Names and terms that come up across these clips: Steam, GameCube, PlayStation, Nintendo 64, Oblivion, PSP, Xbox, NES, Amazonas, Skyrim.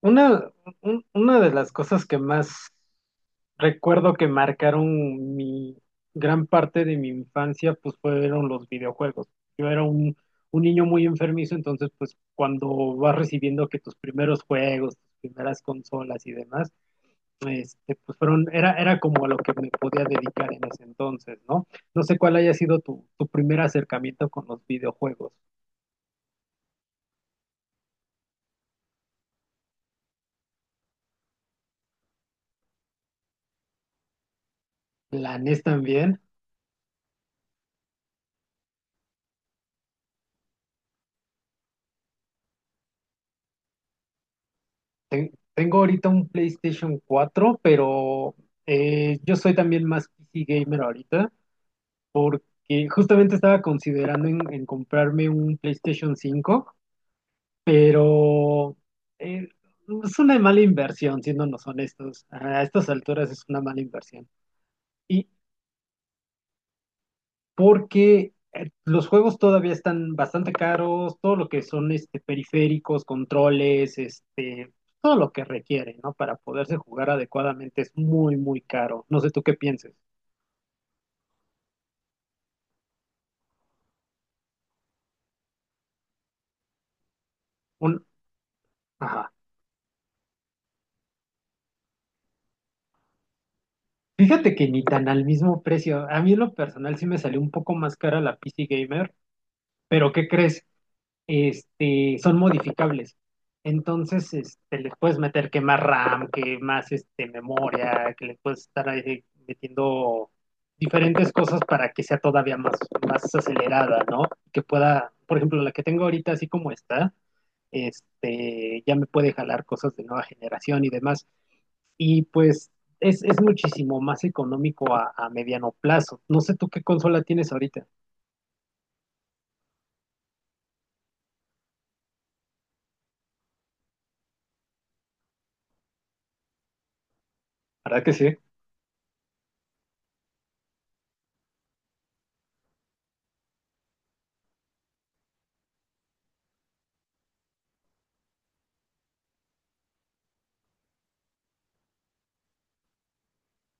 Una, una de las cosas que más recuerdo que marcaron mi gran parte de mi infancia, pues fueron los videojuegos. Yo era un niño muy enfermizo, entonces pues cuando vas recibiendo que tus primeros juegos, tus primeras consolas y demás, este, pues era como a lo que me podía dedicar en ese entonces, ¿no? No sé cuál haya sido tu primer acercamiento con los videojuegos. ¿La NES también? Tengo ahorita un PlayStation cuatro, pero yo soy también más PC gamer ahorita, porque justamente estaba considerando en comprarme un PlayStation cinco, pero eh, es una mala inversión, siéndonos honestos. A estas alturas es una mala inversión. Y, porque los juegos todavía están bastante caros, todo lo que son este, periféricos, controles, este, todo lo que requiere, ¿no? Para poderse jugar adecuadamente es muy caro. No sé tú qué pienses. Un, ajá. Fíjate que ni tan al mismo precio. A mí en lo personal sí me salió un poco más cara la PC Gamer, pero ¿qué crees? Este, son modificables. Entonces, este, les puedes meter que más RAM, que más este, memoria, que le puedes estar ahí metiendo diferentes cosas para que sea todavía más, más acelerada, ¿no? Que pueda, por ejemplo, la que tengo ahorita así como está, este, ya me puede jalar cosas de nueva generación y demás. Y pues es muchísimo más económico a mediano plazo. No sé tú qué consola tienes ahorita. ¿Verdad que sí?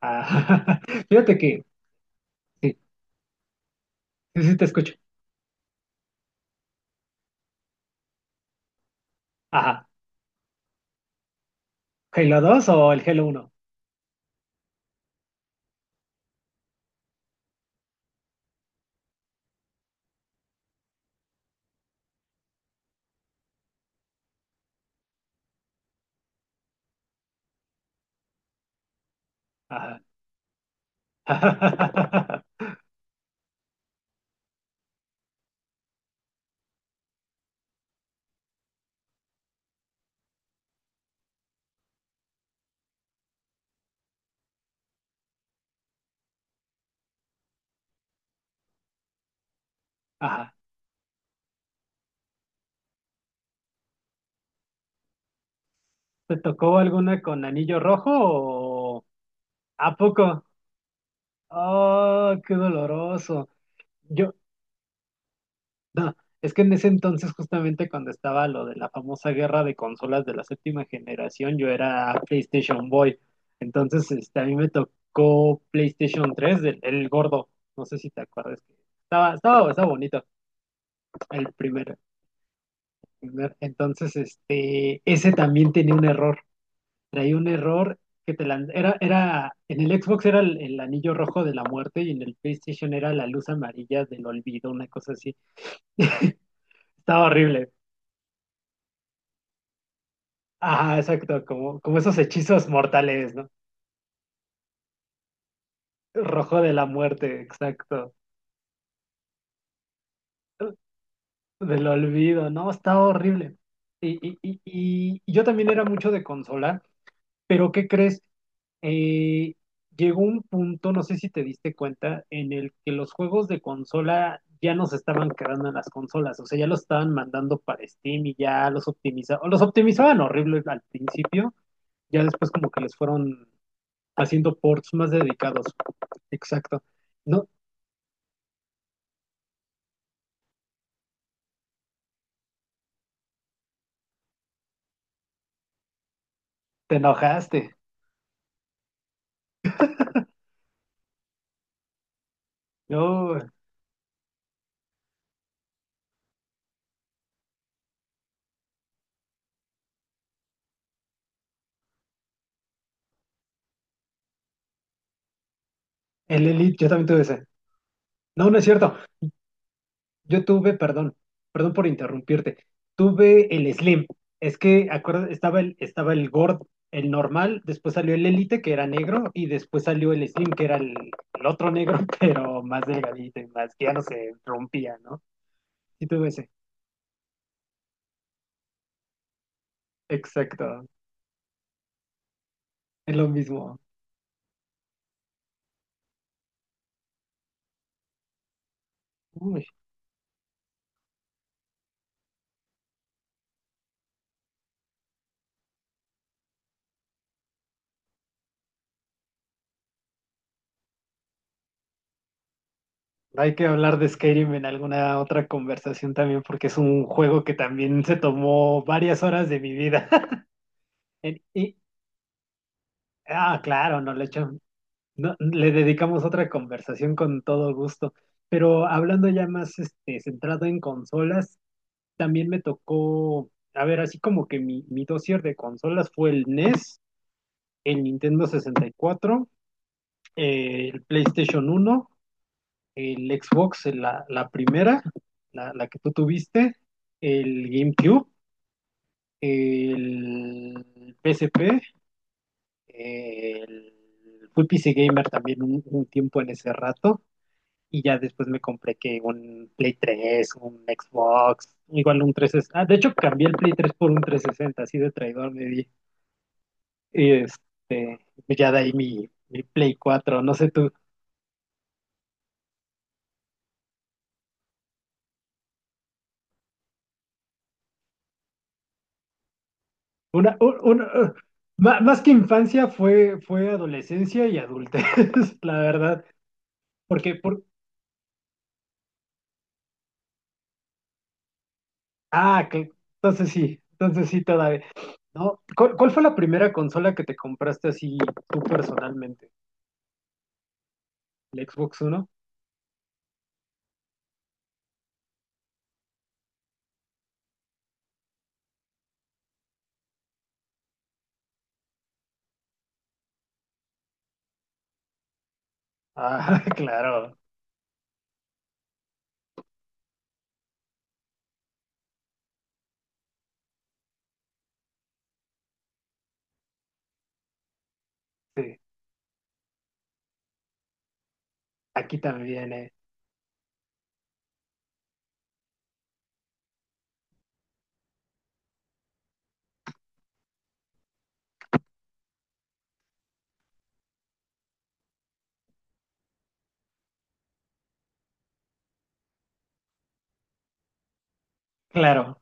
Ah, fíjate que sí. Sí, sí, te escucho. Ajá. ¿Halo 2 o el Halo uno? Ajá. Ajá. ¿Te tocó alguna con anillo rojo o a poco? Oh, qué doloroso. Yo, no, es que en ese entonces, justamente cuando estaba lo de la famosa guerra de consolas de la séptima generación, yo era PlayStation Boy. Entonces, este, a mí me tocó PlayStation tres el gordo. No sé si te acuerdas que estaba bonito el primero. ¿Verdad? Entonces, este, ese también tenía un error. Traía un error que te lan- era, era, en el Xbox era el anillo rojo de la muerte y en el PlayStation era la luz amarilla del olvido, una cosa así. Estaba horrible. Ajá, exacto, como, como esos hechizos mortales, ¿no? Rojo de la muerte, exacto. Del olvido, ¿no? Estaba horrible. Y yo también era mucho de consola, pero ¿qué crees? eh, llegó un punto, no sé si te diste cuenta, en el que los juegos de consola ya no se estaban quedando en las consolas, o sea, ya los estaban mandando para Steam y ya los optimizaban horrible al principio, ya después como que les fueron haciendo ports más dedicados. Exacto. No, te enojaste. Yo, el Elite, yo también tuve ese. No, no es cierto. Yo tuve, perdón, perdón por interrumpirte, tuve el Slim. Es que acuerda, el normal, después salió el Elite, que era negro, y después salió el Slim, que era el otro negro, pero más delgadito y más, que ya no se rompía, ¿no? Sí tuve ese. Exacto, es lo mismo. Uy, hay que hablar de Skyrim en alguna otra conversación también, porque es un juego que también se tomó varias horas de mi vida. En- y- ah, claro, no lo he hecho. No, le dedicamos otra conversación con todo gusto. Pero hablando ya más este, centrado en consolas, también me tocó, a ver, así como que mi dossier de consolas fue el NES, el Nintendo 64, el PlayStation uno, el Xbox, la primera, la que tú tuviste, el GameCube, el P PSP, el... Fui PC Gamer también un tiempo en ese rato. Y ya después me compré que un Play tres, un Xbox, igual un 360. Ah, de hecho, cambié el Play tres por un 360 así de traidor me di. Y este, ya de ahí mi Play cuatro, no sé tú. Una, un- una- ma- más que infancia fue adolescencia y adultez, la verdad. Porque, por, ah, que, entonces sí todavía. ¿No? ¿Cuál fue la primera consola que te compraste así tú personalmente? ¿El Xbox One? Ah, claro, sí. Aquí también, eh. Claro.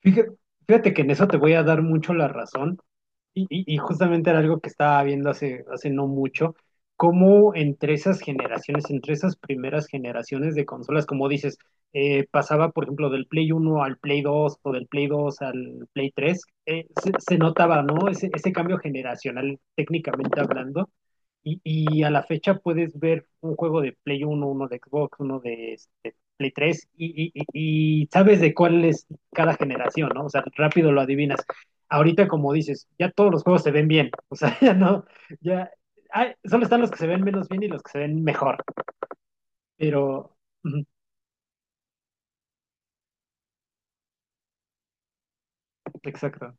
Fíjate, fíjate que en eso te voy a dar mucho la razón. Y justamente era algo que estaba viendo hace no mucho, cómo entre esas generaciones, entre esas primeras generaciones de consolas, como dices, pasaba, por ejemplo, del Play uno al Play dos o del Play dos al Play tres, se notaba, ¿no? Ese cambio generacional, técnicamente hablando. Y a la fecha puedes ver un juego de Play uno, uno de Xbox, uno de este, Play tres, y sabes de cuál es cada generación, ¿no? O sea, rápido lo adivinas ahorita como dices, ya todos los juegos se ven bien, o sea, ya no, ya, ay, solo están los que se ven menos bien y los que se ven mejor, pero, ujú, exacto,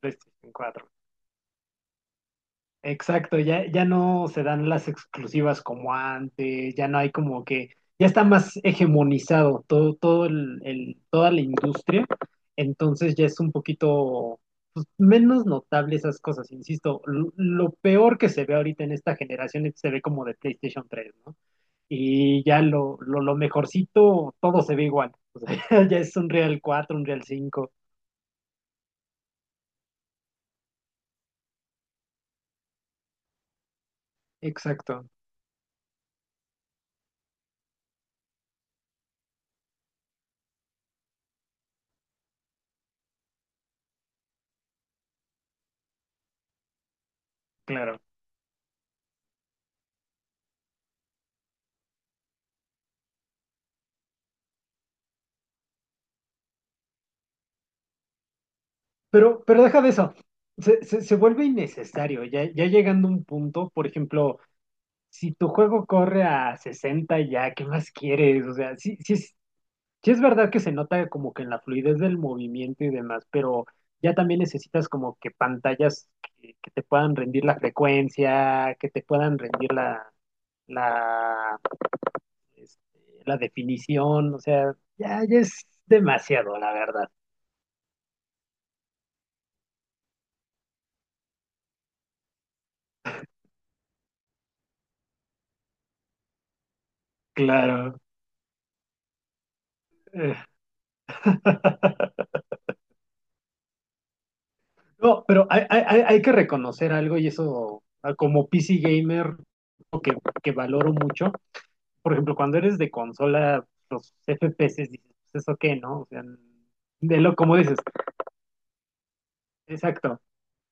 PlayStation cuatro. Exacto, ya no se dan las exclusivas como antes, ya no hay como que, ya está más hegemonizado todo, toda la industria, entonces ya es un poquito pues, menos notable esas cosas, insisto, lo peor que se ve ahorita en esta generación es- se ve como de PlayStation tres, ¿no? Y ya lo mejorcito, todo se ve igual. O sea, ya es un Real cuatro, un Real cinco. Exacto, claro. Pero deja de eso. Se vuelve innecesario. Ya llegando a un punto, por ejemplo, si tu juego corre a 60 ya, ¿qué más quieres? O sea, sí, sí, sí es verdad que se nota como que en la fluidez del movimiento y demás, pero ya también necesitas como que pantallas que te puedan rendir la frecuencia, que te puedan rendir la, este, la definición, o sea, ya, ya es demasiado, la verdad. Claro. Eh. No, pero hay que reconocer algo y eso, ah, como PC gamer, lo que valoro mucho, por ejemplo, cuando eres de consola, los FPS, dices, "Pues, ¿eso qué, no? O sea, de lo, como dices, exacto,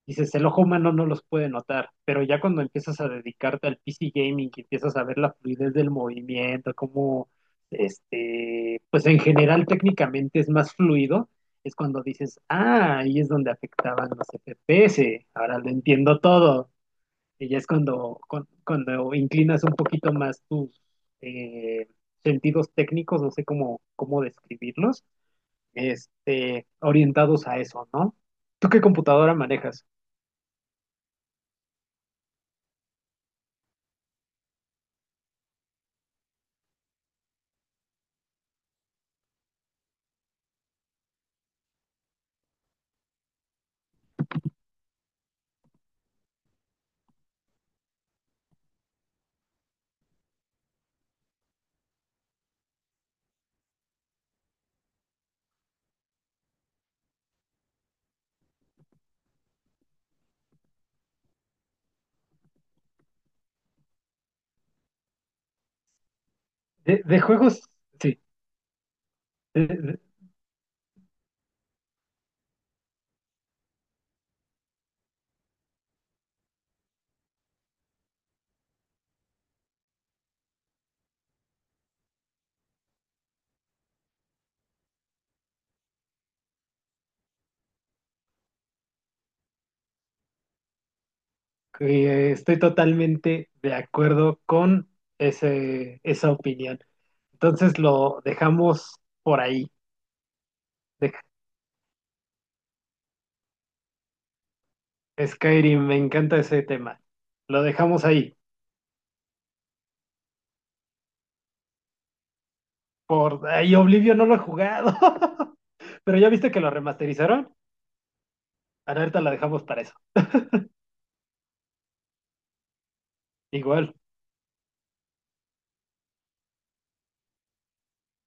dices, el ojo humano no los puede notar, pero ya cuando empiezas a dedicarte al PC gaming, que empiezas a ver la fluidez del movimiento, cómo, este, pues en general técnicamente es más fluido, es cuando dices, ah, ahí es donde afectaban los FPS, ahora lo entiendo todo. Y ya es cuando, cuando inclinas un poquito más tus eh, sentidos técnicos, no sé cómo, describirlos, este, orientados a eso, ¿no? ¿Tú qué computadora manejas? De juegos, sí. de- de- que estoy totalmente de acuerdo con esa opinión. Entonces lo dejamos por ahí. Dej- Skyrim, me encanta ese tema. Lo dejamos ahí. Por ahí Oblivion no lo he jugado. Pero ya viste que lo remasterizaron. Alerta la dejamos para eso. Igual.